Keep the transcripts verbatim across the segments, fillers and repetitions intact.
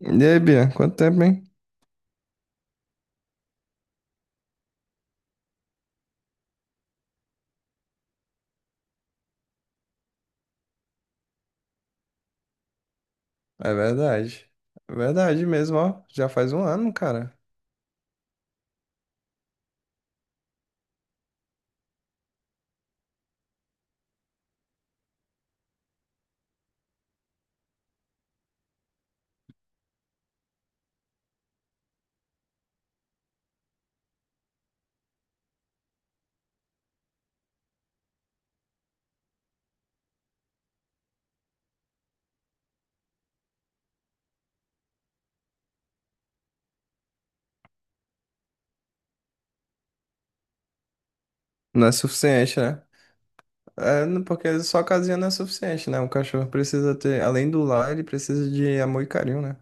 E aí, Bia, quanto tempo, hein? É verdade. É verdade mesmo, ó. Já faz um ano, cara. Não é suficiente, né? É, não- porque só casinha não é suficiente, né? O cachorro precisa ter, além do lar, ele precisa de amor e carinho, né?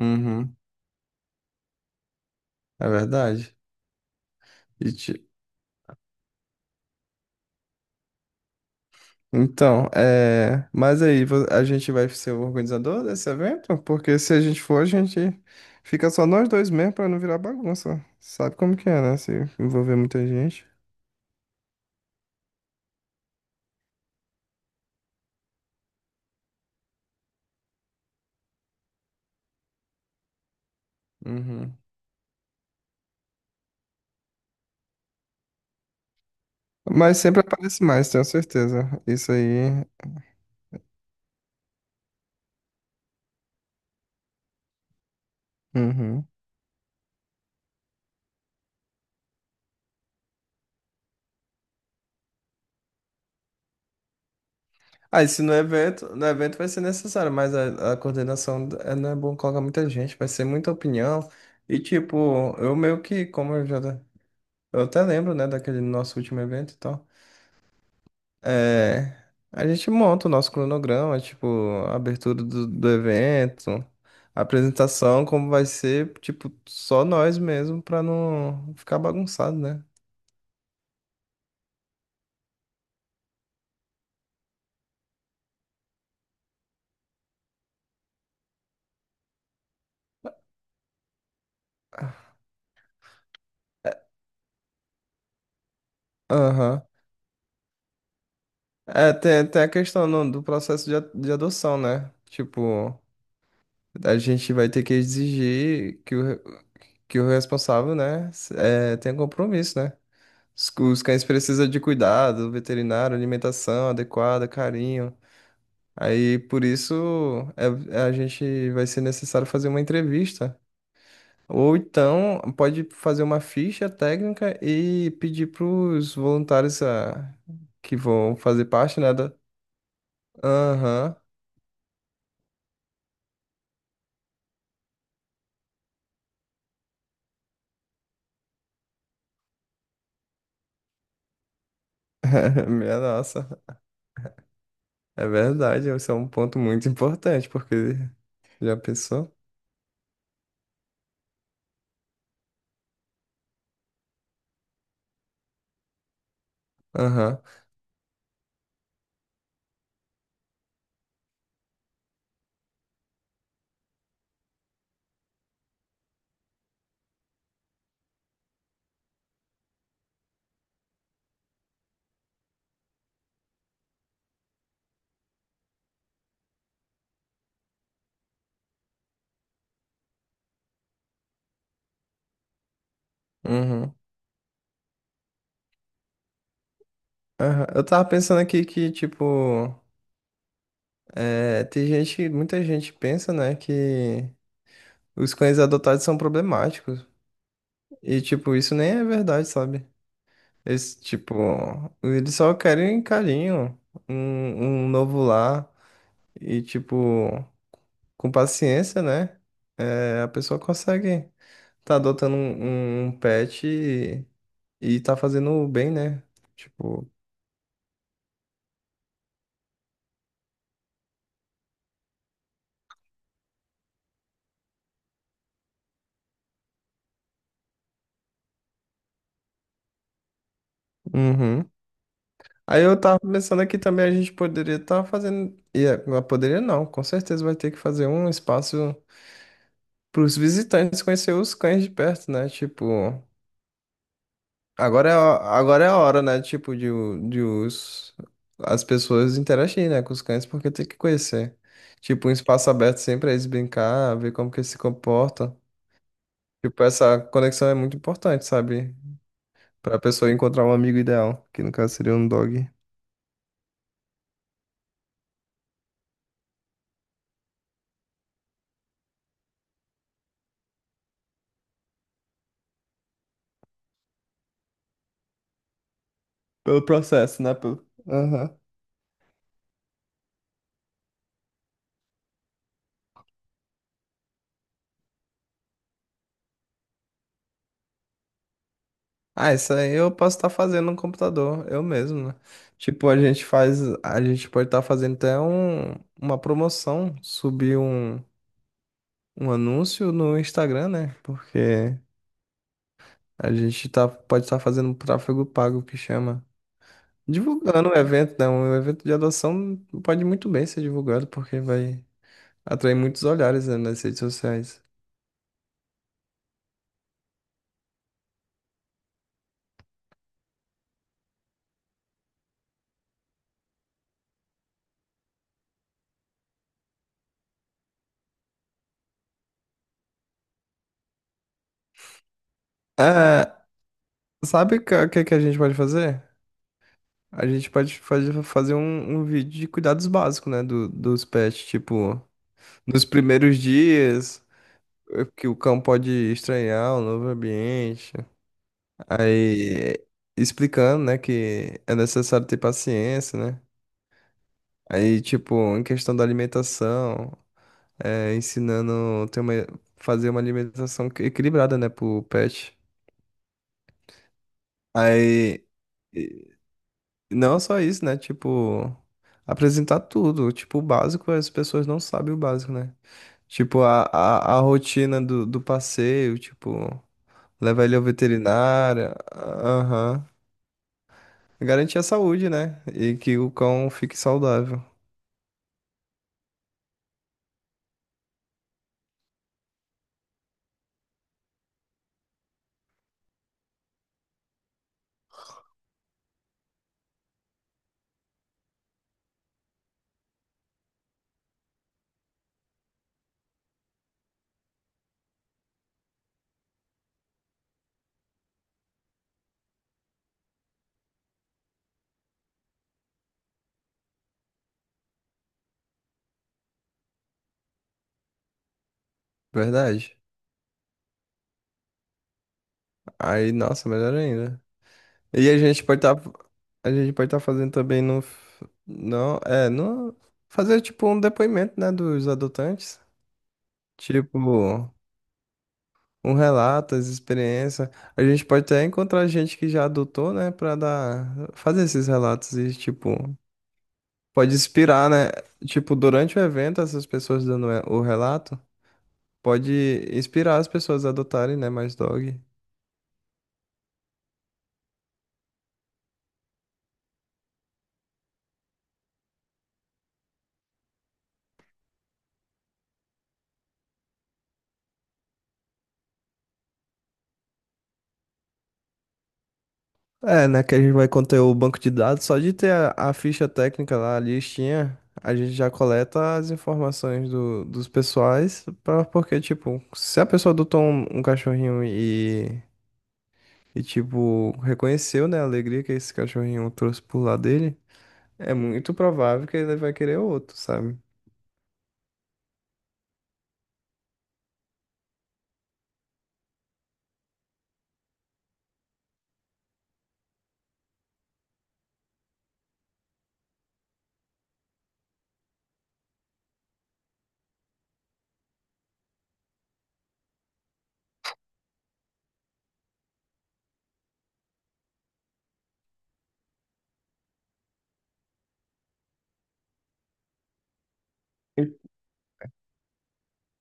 Uhum. É verdade. E ti- Então, é... Mas aí, vo- a gente vai ser o organizador desse evento? Porque se a gente for, a gente fica só nós dois mesmo pra não virar bagunça. Sabe como que é, né? Se envolver muita gente. Uhum. Mas sempre aparece mais, tenho certeza. Isso aí. Uhum. Ah, e se no evento, no evento vai ser necessário, mas a, a coordenação d- é- não é bom colocar muita gente, vai ser muita opinião. E tipo, eu meio que, como eu já. Eu até lembro, né, daquele nosso último evento e tal. É, a gente monta o nosso cronograma, tipo, a abertura do, do evento, a apresentação, como vai ser, tipo, só nós mesmo, pra não ficar bagunçado, né? Aham. É, tem, tem a questão no- do processo de, a- de adoção, né? Tipo, a gente vai ter que exigir que o, re- que o responsável, né, s- é, tenha compromisso, né? Os, cu- os cães precisam de cuidado, veterinário, alimentação adequada, carinho. Aí, por isso, é- é, a gente vai ser necessário fazer uma entrevista. Ou então, pode fazer uma ficha técnica e pedir para os voluntários ah, que vão fazer parte, né, da... Aham. Minha nossa, é verdade, esse é um ponto muito importante, porque já pensou? Aham, uhum, aham. Eu tava pensando aqui que, tipo, é, tem gente, muita gente pensa, né, que os cães adotados são problemáticos, e, tipo, isso nem é verdade, sabe? Eles, tipo, eles só querem um carinho, um, um novo lar, e, tipo, com paciência, né, é, a pessoa consegue tá adotando um, um um pet. E tá fazendo bem, né? Tipo, uhum. Aí eu tava pensando aqui também a gente poderia estar fazendo. E é, mas poderia não, com certeza vai ter que fazer um espaço para os visitantes conhecer os cães de perto, né? Tipo, agora é, a- agora é a hora, né? Tipo, de, o- de os, as pessoas interagirem, né, com os cães, porque tem que conhecer. Tipo, um espaço aberto sempre pra eles brincar, ver como que eles se comportam. Tipo, essa conexão é muito importante, sabe? Pra pessoa encontrar um amigo ideal, que no caso seria um dog. Pelo processo, né? Pelo... Aham. Ah, isso aí eu posso estar fazendo no computador, eu mesmo, né? Tipo, a gente faz, a gente pode estar fazendo até um, uma promoção, subir um, um anúncio no Instagram, né? Porque a gente tá, pode estar fazendo um tráfego pago, que chama. Divulgando o evento, né? Um evento de adoção pode muito bem ser divulgado, porque vai atrair muitos olhares, né, nas redes sociais. Ah, sabe o que, que que a gente pode fazer? A gente pode fazer, fazer um, um vídeo de cuidados básicos, né? Do, dos pets, tipo, nos primeiros dias, eh, que o cão pode estranhar o novo ambiente. Aí, eh, explicando, né, que é necessário ter paciência, né? Aí, tipo, em questão da alimentação, eh, ensinando ter uma, fazer uma alimentação equilibrada, né, pro pet. Aí. Não só isso, né? Tipo, apresentar tudo. Tipo, o básico, as pessoas não sabem o básico, né? Tipo, a, a, a rotina do, do passeio, tipo, levar ele ao veterinário, aham. Garantir a saúde, né? E que o cão fique saudável. Verdade. Aí, nossa, melhor ainda. E a gente pode estar a gente pode estar fazendo também no, não, é, no fazer tipo um depoimento, né, dos adotantes. Tipo, um relato, as experiências. A gente pode até encontrar gente que já adotou, né, pra dar, fazer esses relatos e, tipo, pode inspirar, né? Tipo, durante o evento, essas pessoas dando é, o relato, pode inspirar as pessoas a adotarem, né, mais dog. É, né, que a gente vai conter o banco de dados, só de ter a, a ficha técnica lá, a listinha, a gente já coleta as informações do, dos pessoais, pra, porque, tipo, se a pessoa adotou um, um cachorrinho e e, tipo, reconheceu, né, a alegria que esse cachorrinho trouxe pro lado dele, é muito provável que ele vai querer outro, sabe?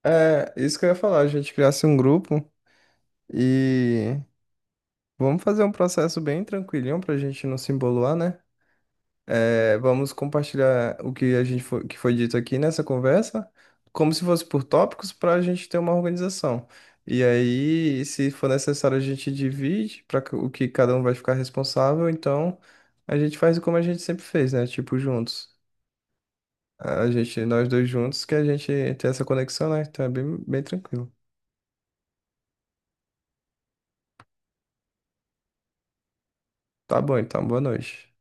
É, isso que eu ia falar, a gente criasse um grupo e vamos fazer um processo bem tranquilinho pra gente não se emboluar, né? É, vamos compartilhar o que a gente foi, que foi dito aqui nessa conversa, como se fosse por tópicos, para a gente ter uma organização. E aí, se for necessário, a gente divide para o que cada um vai ficar responsável. Então, a gente faz como a gente sempre fez, né? Tipo, juntos. A gente, nós dois juntos, que a gente tem essa conexão, né? Então é bem, bem tranquilo. Tá bom, então, boa noite.